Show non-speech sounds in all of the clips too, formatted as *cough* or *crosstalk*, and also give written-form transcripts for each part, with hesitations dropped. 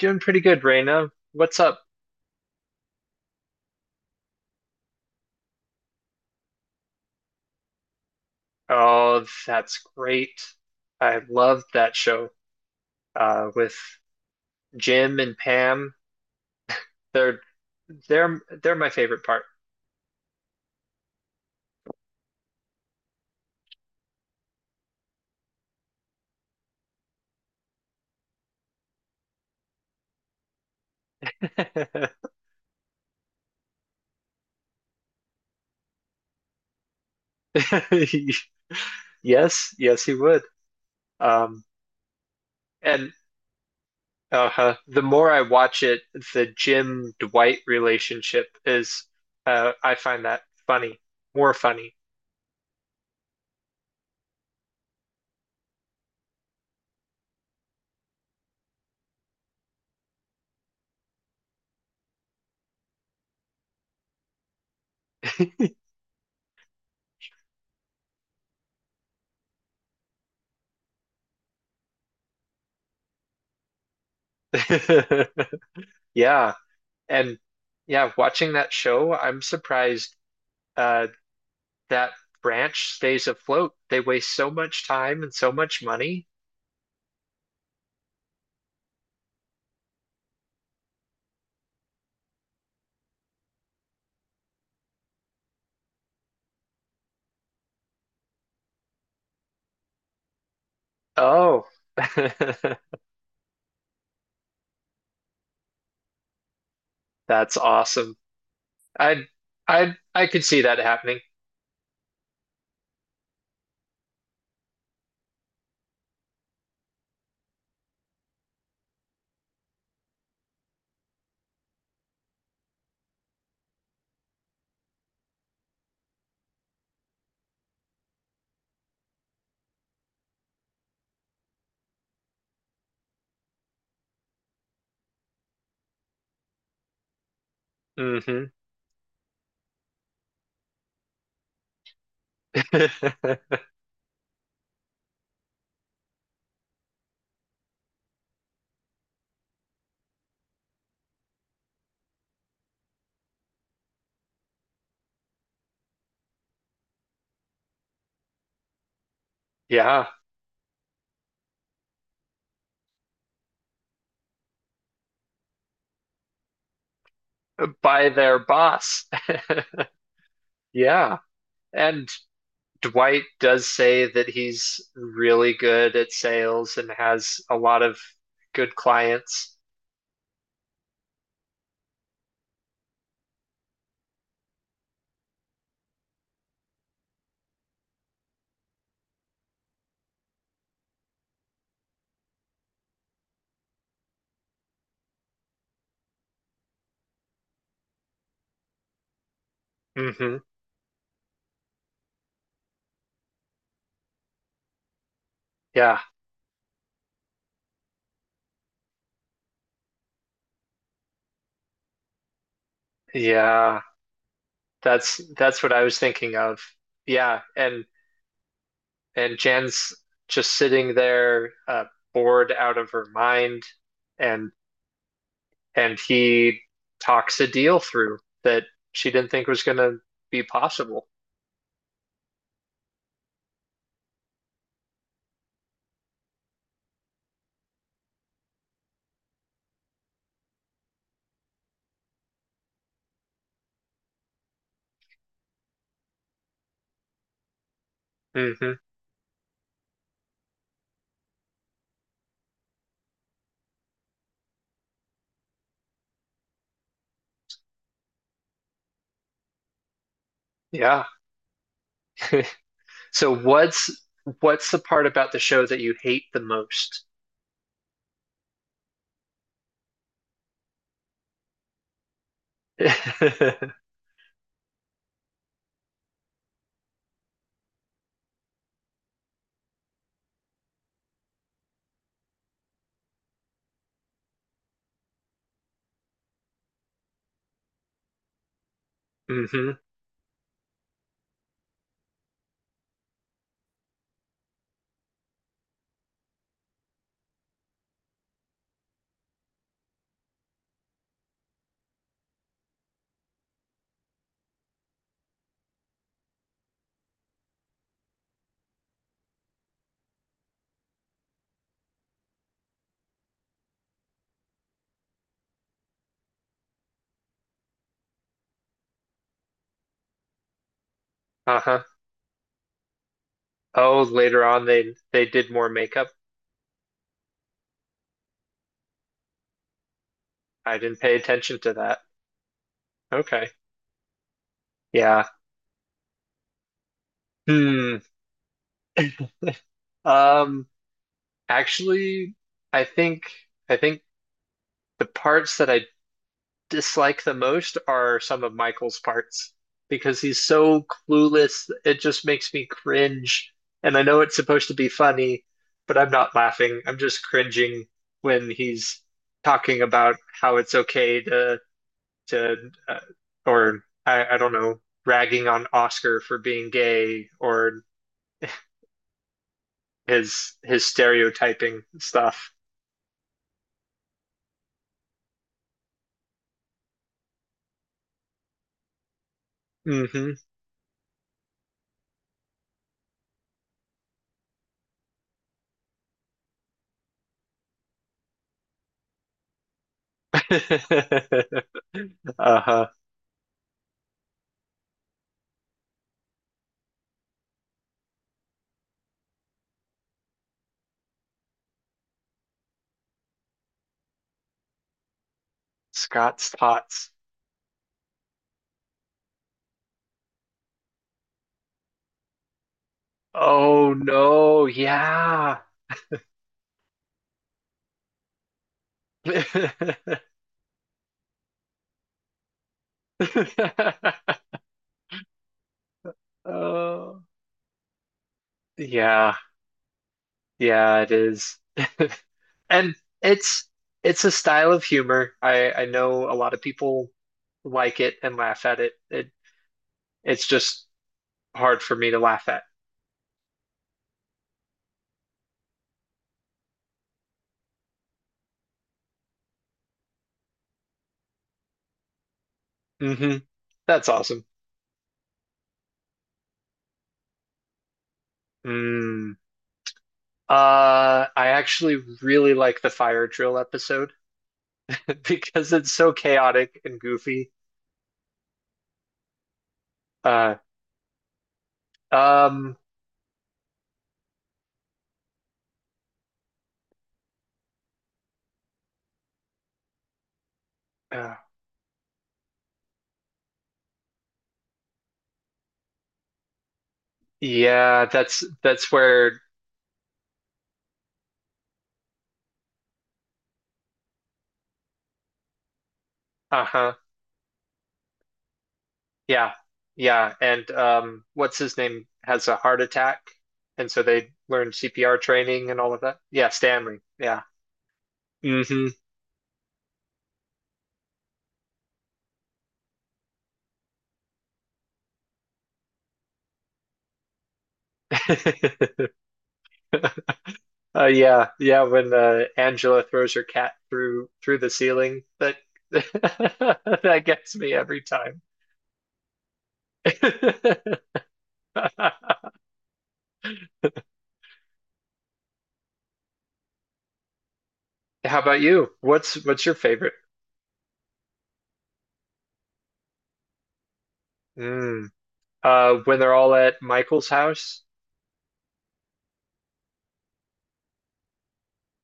Doing pretty good, Raina. What's up? Oh, that's great. I love that show with Jim and Pam. They're they're my favorite part. *laughs* Yes, yes, he would. Um, and the more I watch it, the Jim Dwight relationship is I find that funny, more funny. *laughs* Yeah, and yeah, watching that show, I'm surprised uh that branch stays afloat. They waste so much time and so much money. Oh, *laughs* that's awesome. I I could see that happening. Hmm *laughs* Yeah, by their boss. *laughs* Yeah. And Dwight does say that he's really good at sales and has a lot of good clients. Hmm Yeah. Yeah. That's what I was thinking of. Yeah, and Jan's just sitting there, bored out of her mind, and and he talks a deal through that she didn't think was going to be possible. Mm-hmm. Yeah. *laughs* So what's the part about the show that you hate the most? *laughs* Mm-hmm. Uh huh. Oh, later on they did more makeup. I didn't pay attention to that. Okay. Yeah. Hmm. *laughs* um. Actually, I think I think the parts that I dislike the most are some of Michael's parts because he's so clueless. It just makes me cringe. And I know it's supposed to be funny, but I'm not laughing. I'm just cringing when he's talking about how it's okay to to uh, or I don't know, ragging on Oscar for being gay or his stereotyping stuff. Mm-hmm. *laughs* Uh-huh. Scott's thoughts. Oh no, yeah. *laughs* Oh, yeah, yeah, it is. *laughs* And it's a style of humor. I know a lot of people like it and laugh at it. It it's just hard for me to laugh at. Hmm. That's awesome. Mm. I actually really like the fire drill episode *laughs* because it's so chaotic and goofy. Uh, um, uh, Yeah, that's where uh-huh. Yeah. Yeah, and what's his name has a heart attack and so they learn CPR training and all of that. Yeah, Stanley. Yeah. Hmm. *laughs* Yeah, yeah, when Angela throws her cat through the ceiling, that *laughs* that gets me every time. *laughs* How about you? What's your favorite? Mm. Uh, when they're all at Michael's house.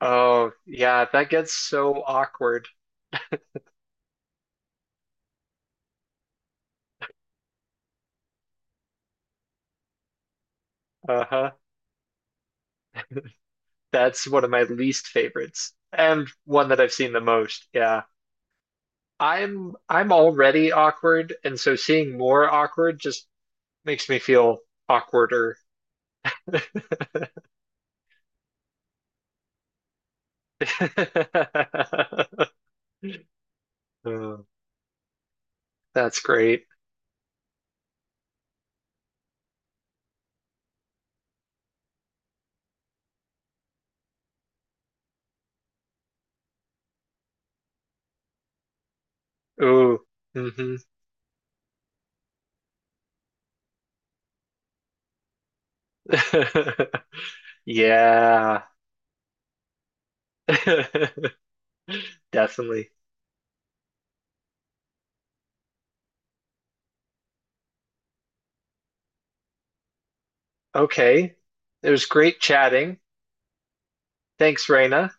Oh, yeah, that gets so awkward. Uh-huh. That's one of my least favorites and one that I've seen the most. Yeah. I'm already awkward, and so seeing more awkward just makes me feel awkwarder. *laughs* Oh, that's great. Ooh. Hmm. *laughs* Yeah. *laughs* Definitely. Okay. It was great chatting. Thanks, Raina.